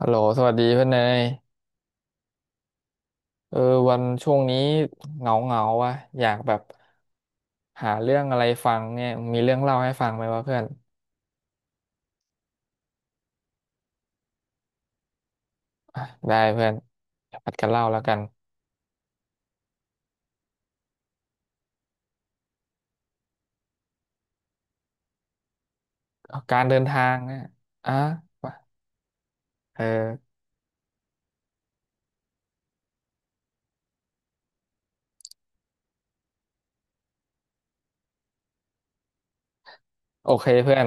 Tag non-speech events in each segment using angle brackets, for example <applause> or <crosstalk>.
ฮัลโหลสวัสดีเพื่อนเนยเออวันช่วงนี้เหงาเหงาวะอยากแบบหาเรื่องอะไรฟังเนี่ยมีเรื่องเล่าให้ฟังไหมวะเพื่อนอ่ะได้เพื่อนเดี๋ยวผัดกันเล่าแล้วกันเอาการเดินทางเนี่ยอ่ะว่าเออโอเคเพื่อน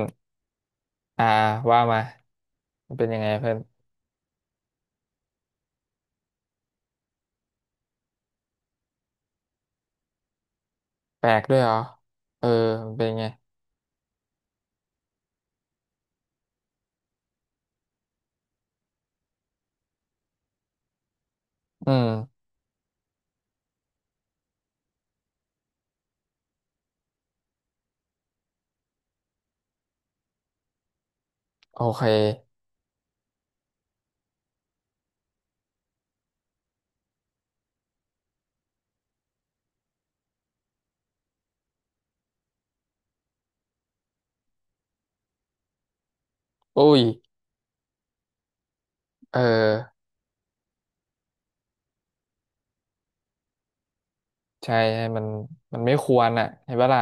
อ่าว่ามามันเป็นยังไงเพื่อนแปลกด้วยเหรอเออมันเป็นยังไงอืมโอเคอุ้ยเออใช่ใช่มันมันไม่ควรอ่ะเห็นปะล่ะ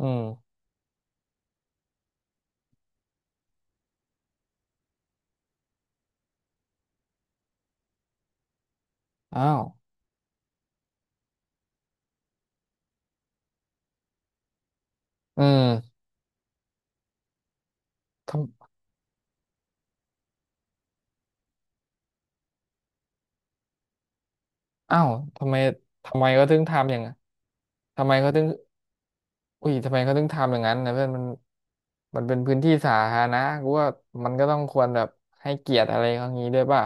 อืมอ้าวอืม อ้าวทำไมทำไมก็ถึงทำอย่างทำไมเขาถึงอุ้ยทำไมเขาถึงทำอย่างนั้นนะเพื่อนมันมันเป็นพื้นที่สาธารณะกูว่ามันก็ต้องควรแบบให้เกียรติอะไรเขางี้ด้วยเปล่า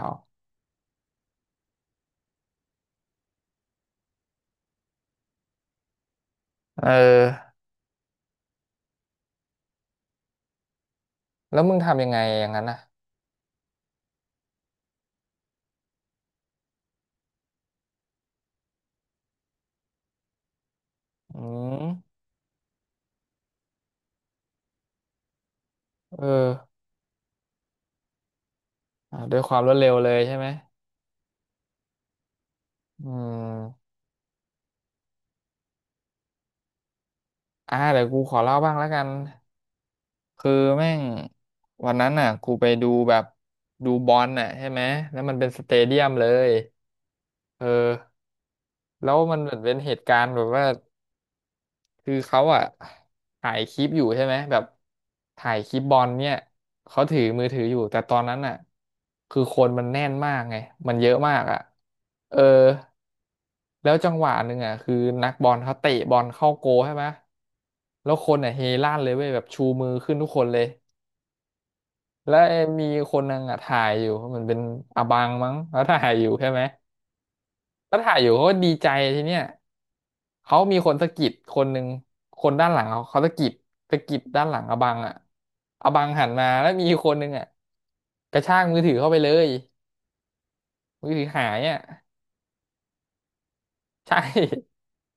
เออแล้วมึงทำยังไงอย่างนั้นน่ะอืมเอออ่ะด้วยความรวดเร็วเลยใช่ไหมอืมอ่าเดี๋ยวกูขอเล่าบ้างแล้วกันคือแม่งวันนั้นน่ะกูไปดูแบบดูบอลน่ะใช่ไหมแล้วมันเป็นสเตเดียมเลยเออแล้วมันเหมือนเป็นเหตุการณ์แบบว่า คือเขาอ่ะถ่ายคลิปอยู่ใช่ไหมแบบถ่ายคลิปบอลเนี่ยเขาถือมือถืออยู่แต่ตอนนั้นอ่ะคือคนมันแน่นมากไงมันเยอะมากอ่ะเออแล้วจังหวะหนึ่งอ่ะคือนักบอลเขาเตะบอลเข้าโกลใช่ไหมแล้วคนอ่ะเฮลั่นเลยเว้ยแบบชูมือขึ้นทุกคนเลยแล้วมีคนนึงอ่ะถ่ายอยู่มันเป็นอบังมั้งแล้วถ่ายอยู่ใช่ไหม ก็ถ่ายอยู่เขาก็ดีใจทีเนี้ยเขามีคนสะกิดคนหนึ่งคนด้านหลังเขาเขาสะกิดด้านหลังอบังอ่ะอบังหันมาแล้วมีคนหนึ่งอ่ะกระชากมือถือเข้าไปเลยมือถือหายอ่ะ <laughs> ใช่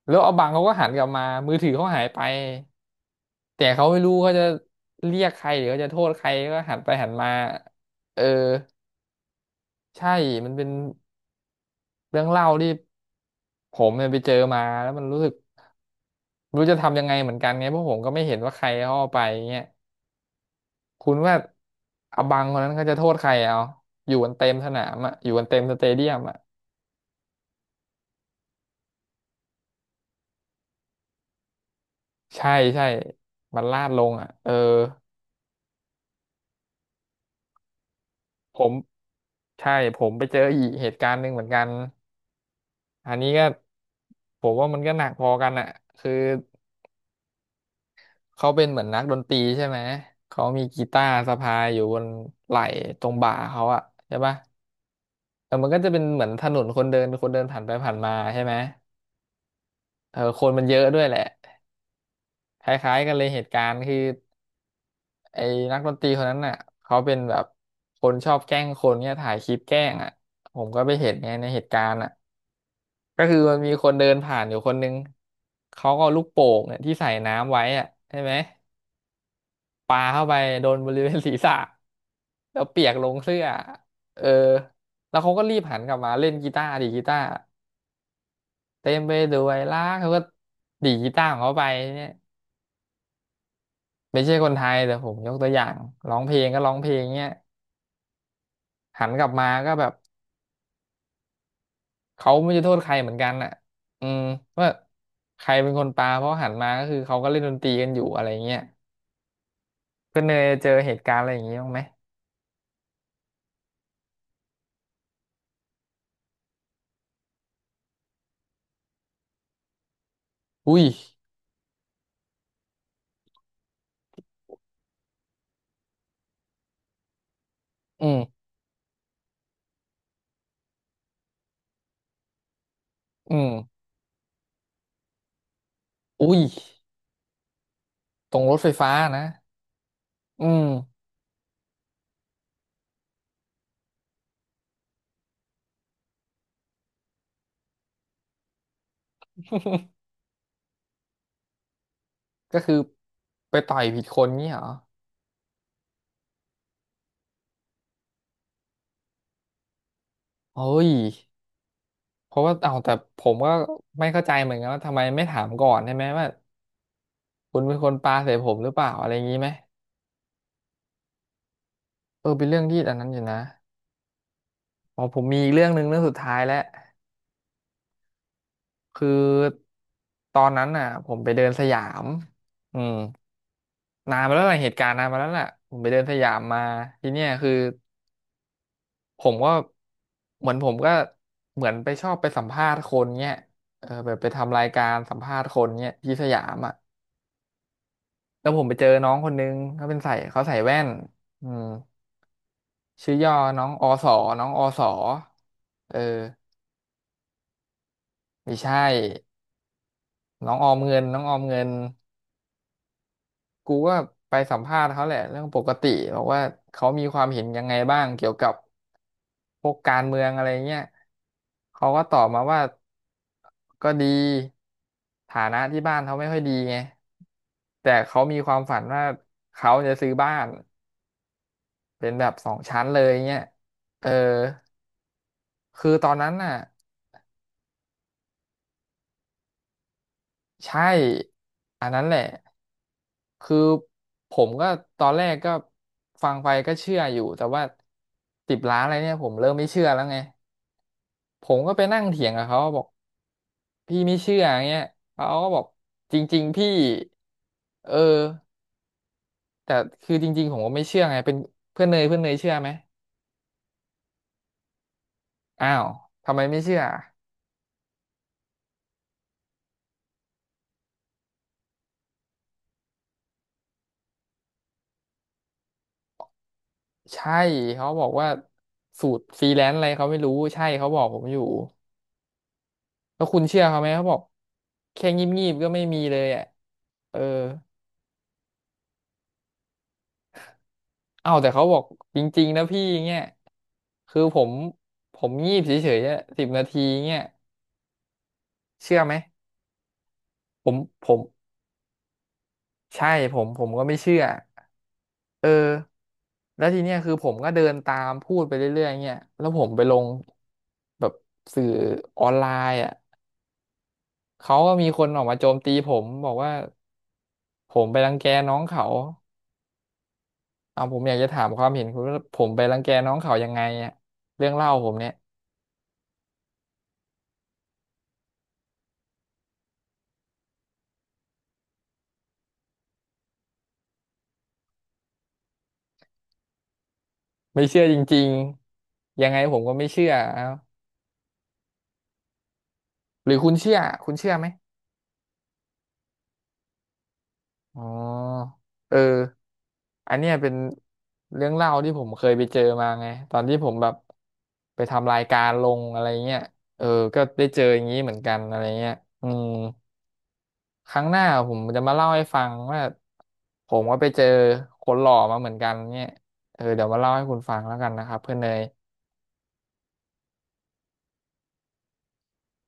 แล้วอบังเขาก็หันกลับมามือถือเขาหายไปแต่เขาไม่รู้เขาจะเรียกใครหรือเขาจะโทษใครก็หันไปหันมาเออใช่มันเป็นเรื่องเล่าที่ผมเนี่ยไปเจอมาแล้วมันรู้สึก ไม่รู้จะทำยังไงเหมือนกันไงเพราะผมก็ไม่เห็นว่าใครเขาเอาไปเงี้ยคุณว่าอบังคนนั้นเขาจะโทษใครเอาอยู่กันเต็มสนามอ่ะอยู่กันเต็มสเตเดียมอ่ะใช่ใช่มันลาดลงอ่ะเออผมใช่ผมไปเจออีกเหตุการณ์หนึ่งเหมือนกันอันนี้ก็ผมว่ามันก็หนักพอกันอ่ะคือเขาเป็นเหมือนนักดนตรีใช่ไหมเขามีกีตาร์สะพายอยู่บนไหล่ตรงบ่าเขาอ่ะใช่ปะแต่มันก็จะเป็นเหมือนถนนคนเดินคนเดินผ่านไปผ่านมาใช่ไหม เออคนมันเยอะด้วยแหละคล้ายๆกันเลยเหตุการณ์คือไอ้นักดนตรีคนนั้นน่ะเขาเป็นแบบคนชอบแกล้งคนเนี่ยถ่ายคลิปแกล้งอ่ะผมก็ไปเห็นไงในเหตุการณ์อ่ะก็คือมันมีคนเดินผ่านอยู่คนนึงเขาก็เอาลูกโป่งเนี่ยที่ใส่น้ำไว้อ่ะใช่ไหมปาเข้าไปโดนบริเวณศีรษะแล้วเปียกลงเสื้อเออแล้วเขาก็รีบหันกลับมาเล่นกีตาร์ดีดกีตาร์เต็มไปด้วยรักเขาก็ดีดกีตาร์ของเขาไปเนี่ย ไม่ใช่คนไทยแต่ผมยกตัวอย่างร้องเพลงก็ร้องเพลงเนี้ยหันกลับมาก็แบบเขาไม่จะโทษใครเหมือนกันอ่ะอืมว่าใครเป็นคนปาเพราะหันมาก็คือเขาก็เล่นดนตรีกันอยู่อะไรเงี้ยก็เนยเจอเหตุการณ์อะไรอย่างงี้บ้างไหมอุ้ยอืมอืมอุ้ยตรงรถไฟฟ้านะอืม <laughs> ก็คือไปต่อยผิดคนงี้เหรอเฮ้ยเพราะว่าเอาแต่ผมก็ไม่เข้าใจเหมือนกันว่าทำไมไม่ถามก่อนใช่ไหมว่าคุณเป็นคนปาใส่ผมหรือเปล่าอะไรอย่างนี้ไหม เออเป็นเรื่องที่อันนั้นอยู่นะอ๋อผมมีอีกเรื่องหนึ่งเรื่องสุดท้ายแล้วคือตอนนั้นน่ะผมไปเดินสยามอืมนานมาแล้วล่ะเหตุการณ์นานมาแล้วล่ะผมไปเดินสยามมาทีเนี้ยคือผมก็เหมือนผมก็เหมือนไปชอบไปสัมภาษณ์คนเงี้ยเออแบบไปทำรายการสัมภาษณ์คนเงี้ยที่สยามอ่ะแล้วผมไปเจอน้องคนนึงเขาเป็นใส่เขาใส่แว่นอืมชื่อย่อน้องอสอน้องอสอเออไม่ใช่ น้องออมเงินน้องออมเงินกูก็ไปสัมภาษณ์เขาแหละเรื่องปกติบอกว่าเขามีความเห็นยังไงบ้างเกี่ยวกับพวกการเมืองอะไรเงี้ยเขาก็ตอบมาว่าก็ดีฐานะที่บ้านเขาไม่ค่อยดีไงแต่เขามีความฝันว่าเขาจะซื้อบ้านเป็นแบบสองชั้นเลยเงี้ยเออคือตอนนั้นน่ะ ใช่อันนั้นแหละคือผมก็ตอนแรกก็ฟังไปก็เชื่ออยู่แต่ว่าสิบล้านอะไรเนี่ยผมเริ่มไม่เชื่อแล้วไงผมก็ไปนั่งเถียงกับเขาบอกพี่ไม่เชื่ออย่างเงี้ยเขาก็บอกจริงๆพี่เออแต่คือจริงๆผมก็ไม่เชื่อไงเป็นเพื่อนเนยเชื่อไหมอ้าวทำไมไม่เชื่อใช่เขาบอกว่าสูตรฟรีแลนซ์อะไรเขาไม่รู้ใช่เขาบอกผมอยู่แล้วคุณเชื่อเขาไหมเขาบอก แค่งีบงีบก็ไม่มีเลยอ่ะเออเอ้าแต่เขาบอกจริงๆนะพี่เงี้ยคือผมงีบเฉยๆอะ10 นาทีเงี้ยเชื่อไหมผมผมใช่ผมก็ไม่เชื่อเออแล้วทีเนี้ยคือผมก็เดินตามพูดไปเรื่อยๆเงี้ยแล้วผมไปลงแบบสื่อออนไลน์อ่ะเขาก็มีคนออกมาโจมตีผมบอกว่าผมไปรังแกน้องเขาเอาผมอยากจะถามความเห็นคุณว่าผมไปรังแกน้องเขายังไงอ่ะเรื่องเล่าผมเนี่ย ไม่เชื่อจริงๆยังไงผมก็ไม่เชื่อเอ้าหรือคุณเชื่อไหมอ๋อเอออันเนี้ยเป็นเรื่องเล่าที่ผมเคยไปเจอมาไงตอนที่ผมแบบไปทำรายการลงอะไรเงี้ยเออก็ได้เจออย่างนี้เหมือนกันอะไรเงี้ยอืมครั้งหน้าผมจะมาเล่าให้ฟังว่าผมก็ไปเจอคนหล่อมาเหมือนกันเนี่ยเออเดี๋ยวมาเล่าให้คุณฟังแล้วกันนะครับเพื่อนเนย